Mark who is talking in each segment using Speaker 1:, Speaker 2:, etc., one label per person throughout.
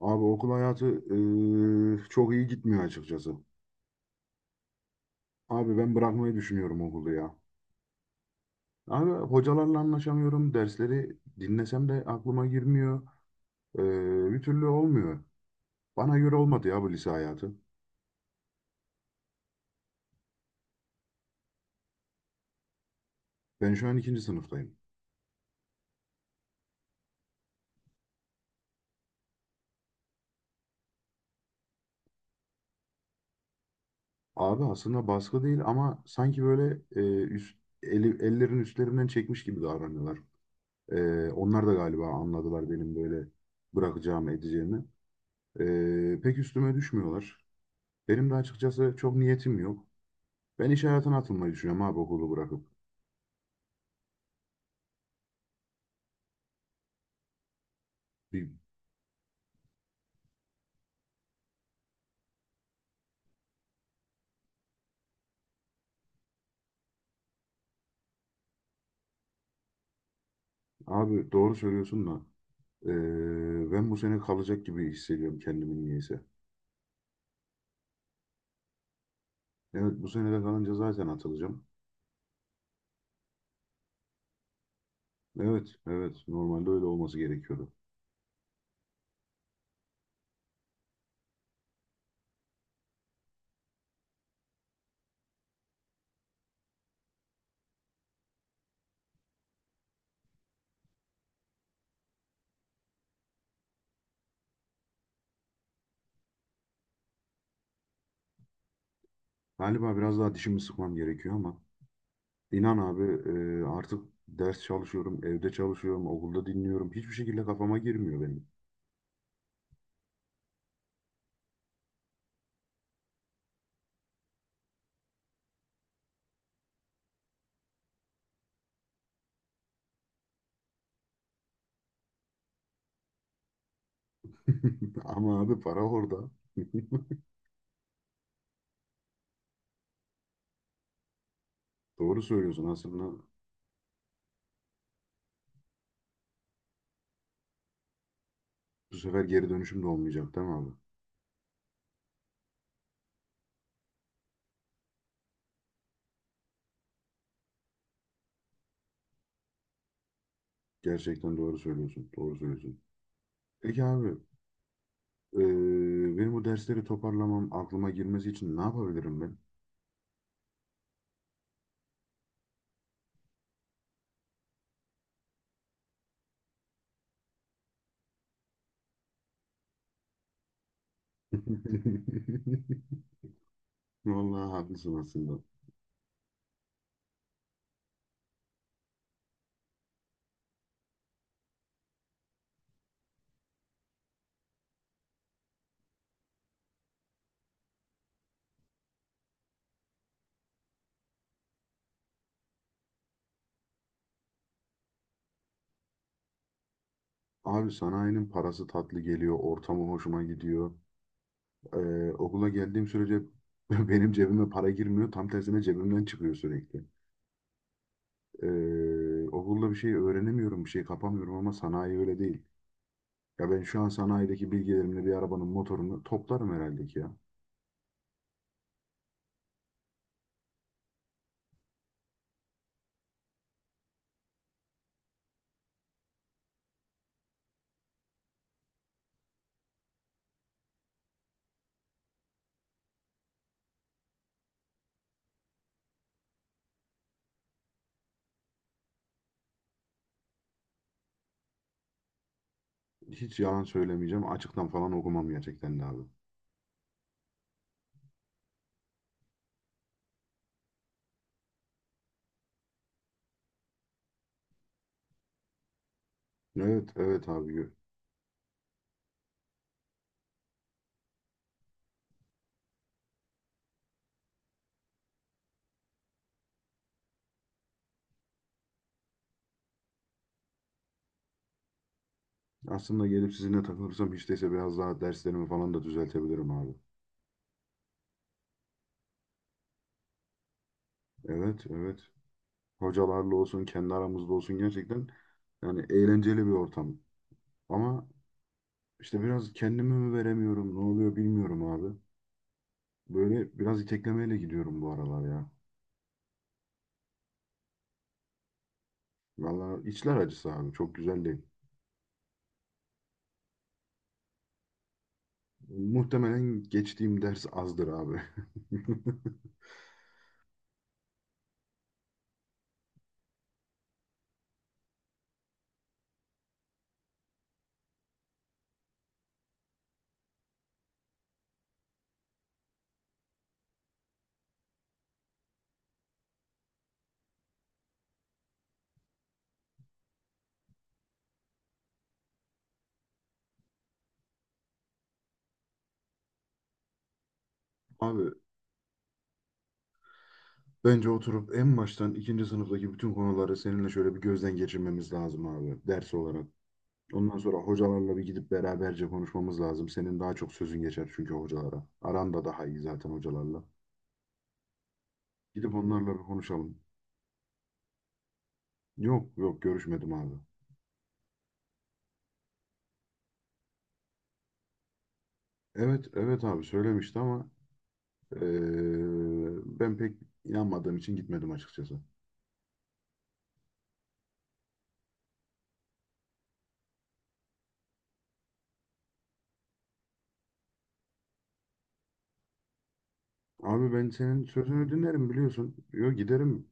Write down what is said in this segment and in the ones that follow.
Speaker 1: Abi okul hayatı çok iyi gitmiyor açıkçası. Abi ben bırakmayı düşünüyorum okulu ya. Abi hocalarla anlaşamıyorum. Dersleri dinlesem de aklıma girmiyor. Eee, bir türlü olmuyor. Bana göre olmadı ya bu lise hayatı. Ben şu an ikinci sınıftayım. Abi aslında baskı değil ama sanki böyle ellerin üstlerinden çekmiş gibi davranıyorlar. Onlar da galiba anladılar benim böyle bırakacağımı edeceğimi. Pek üstüme düşmüyorlar. Benim de açıkçası çok niyetim yok. Ben iş hayatına atılmayı düşünüyorum abi okulu bırakıp. Bir, abi doğru söylüyorsun da ben bu sene kalacak gibi hissediyorum kendimi niyeyse. Evet bu sene de kalınca zaten atılacağım. Evet, evet, normalde öyle olması gerekiyordu. Galiba biraz daha dişimi sıkmam gerekiyor ama inan abi artık ders çalışıyorum, evde çalışıyorum, okulda dinliyorum. Hiçbir şekilde kafama girmiyor benim. Ama abi para orada. Doğru söylüyorsun aslında, bu sefer geri dönüşüm de olmayacak değil mi abi? Gerçekten doğru söylüyorsun. Doğru söylüyorsun. Peki abi, benim bu dersleri toparlamam aklıma girmesi için ne yapabilirim ben? Vallahi haklısın aslında. Abi sanayinin parası tatlı geliyor, ortamı hoşuma gidiyor. Okula geldiğim sürece benim cebime para girmiyor, tam tersine cebimden çıkıyor sürekli. Okulda bir şey öğrenemiyorum, bir şey kapamıyorum ama sanayi öyle değil. Ya ben şu an sanayideki bilgilerimle bir arabanın motorunu toplarım herhalde ki ya. Hiç yalan söylemeyeceğim, açıktan falan okumam gerçekten de abi. Evet, evet abi. Aslında gelip sizinle takılırsam hiç değilse biraz daha derslerimi falan da düzeltebilirim abi. Evet, evet. Hocalarla olsun, kendi aramızda olsun gerçekten yani eğlenceli bir ortam. Ama işte biraz kendimi mi veremiyorum, ne oluyor bilmiyorum abi. Böyle biraz iteklemeyle gidiyorum bu aralar ya. Valla içler acısı abi, çok güzel değil. Muhtemelen geçtiğim ders azdır abi. Abi bence oturup en baştan ikinci sınıftaki bütün konuları seninle şöyle bir gözden geçirmemiz lazım abi ders olarak. Ondan sonra hocalarla bir gidip beraberce konuşmamız lazım. Senin daha çok sözün geçer çünkü hocalara. Aran da daha iyi zaten hocalarla. Gidip onlarla bir konuşalım. Yok yok görüşmedim abi. Evet evet abi söylemişti ama eee, ben pek inanmadığım için gitmedim açıkçası. Abi ben senin sözünü dinlerim biliyorsun. Yo giderim.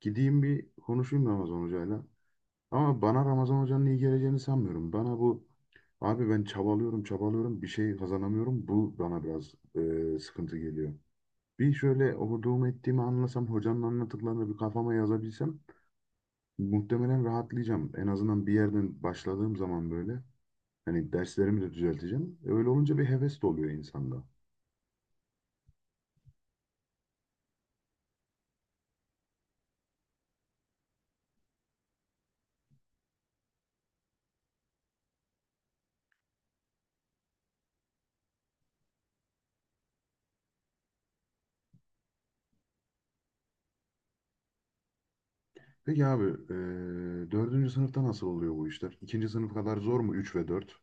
Speaker 1: Gideyim bir konuşayım Ramazan hocayla. Ama bana Ramazan Hoca'nın iyi geleceğini sanmıyorum. Bana bu abi ben çabalıyorum çabalıyorum bir şey kazanamıyorum. Bu bana biraz e, sıkıntı geliyor. Bir şöyle okuduğumu ettiğimi anlasam hocanın anlattıklarını bir kafama yazabilsem muhtemelen rahatlayacağım. En azından bir yerden başladığım zaman böyle hani derslerimi de düzelteceğim. Öyle olunca bir heves de oluyor insanda. Peki abi e, dördüncü sınıfta nasıl oluyor bu işler? İkinci sınıf kadar zor mu? Üç ve dört?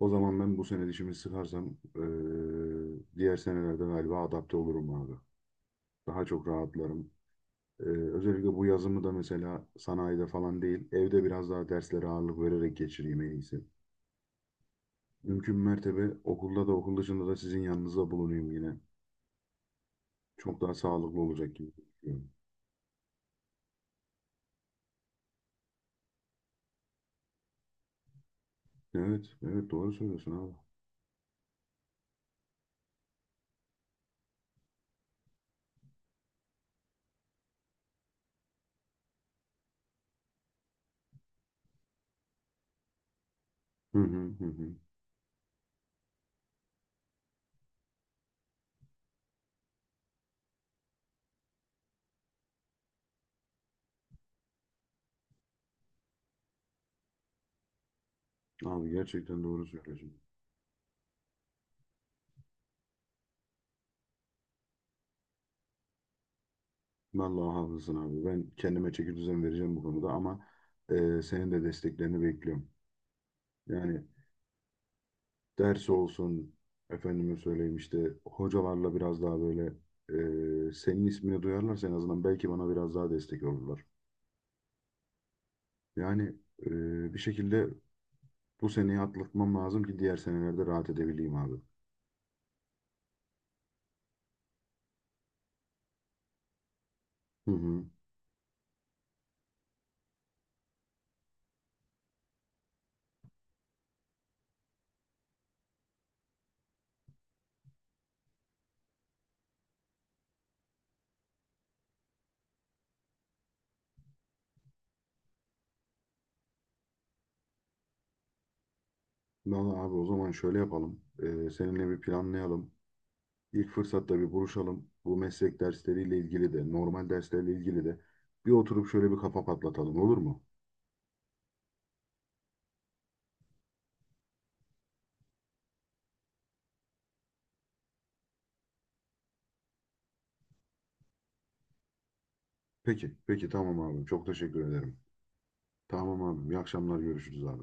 Speaker 1: O zaman ben bu sene dişimi sıkarsam e, diğer senelerde galiba adapte olurum abi. Daha çok rahatlarım. E, özellikle bu yazımı da mesela sanayide falan değil, evde biraz daha derslere ağırlık vererek geçireyim en iyisi. Mümkün mertebe okulda da okul dışında da sizin yanınızda bulunayım yine. Çok daha sağlıklı olacak gibi düşünüyorum. Evet, evet doğru söylüyorsun abi. Hı hı hı hı. Abi gerçekten doğru söylüyorsun. Vallahi haklısın abi. Ben kendime çeki düzen vereceğim bu konuda ama e, senin de desteklerini bekliyorum. Yani ders olsun efendime söyleyeyim işte hocalarla biraz daha böyle e, senin ismini duyarlarsa en azından belki bana biraz daha destek olurlar. Yani e, bir şekilde bu seneyi atlatmam lazım ki diğer senelerde rahat edebileyim abi. Hı hı. Vallahi abi o zaman şöyle yapalım. E, seninle bir planlayalım. İlk fırsatta bir buluşalım. Bu meslek dersleriyle ilgili de normal derslerle ilgili de bir oturup şöyle bir kafa patlatalım olur mu? Peki, peki tamam abi. Çok teşekkür ederim. Tamam abi. İyi akşamlar görüşürüz abi.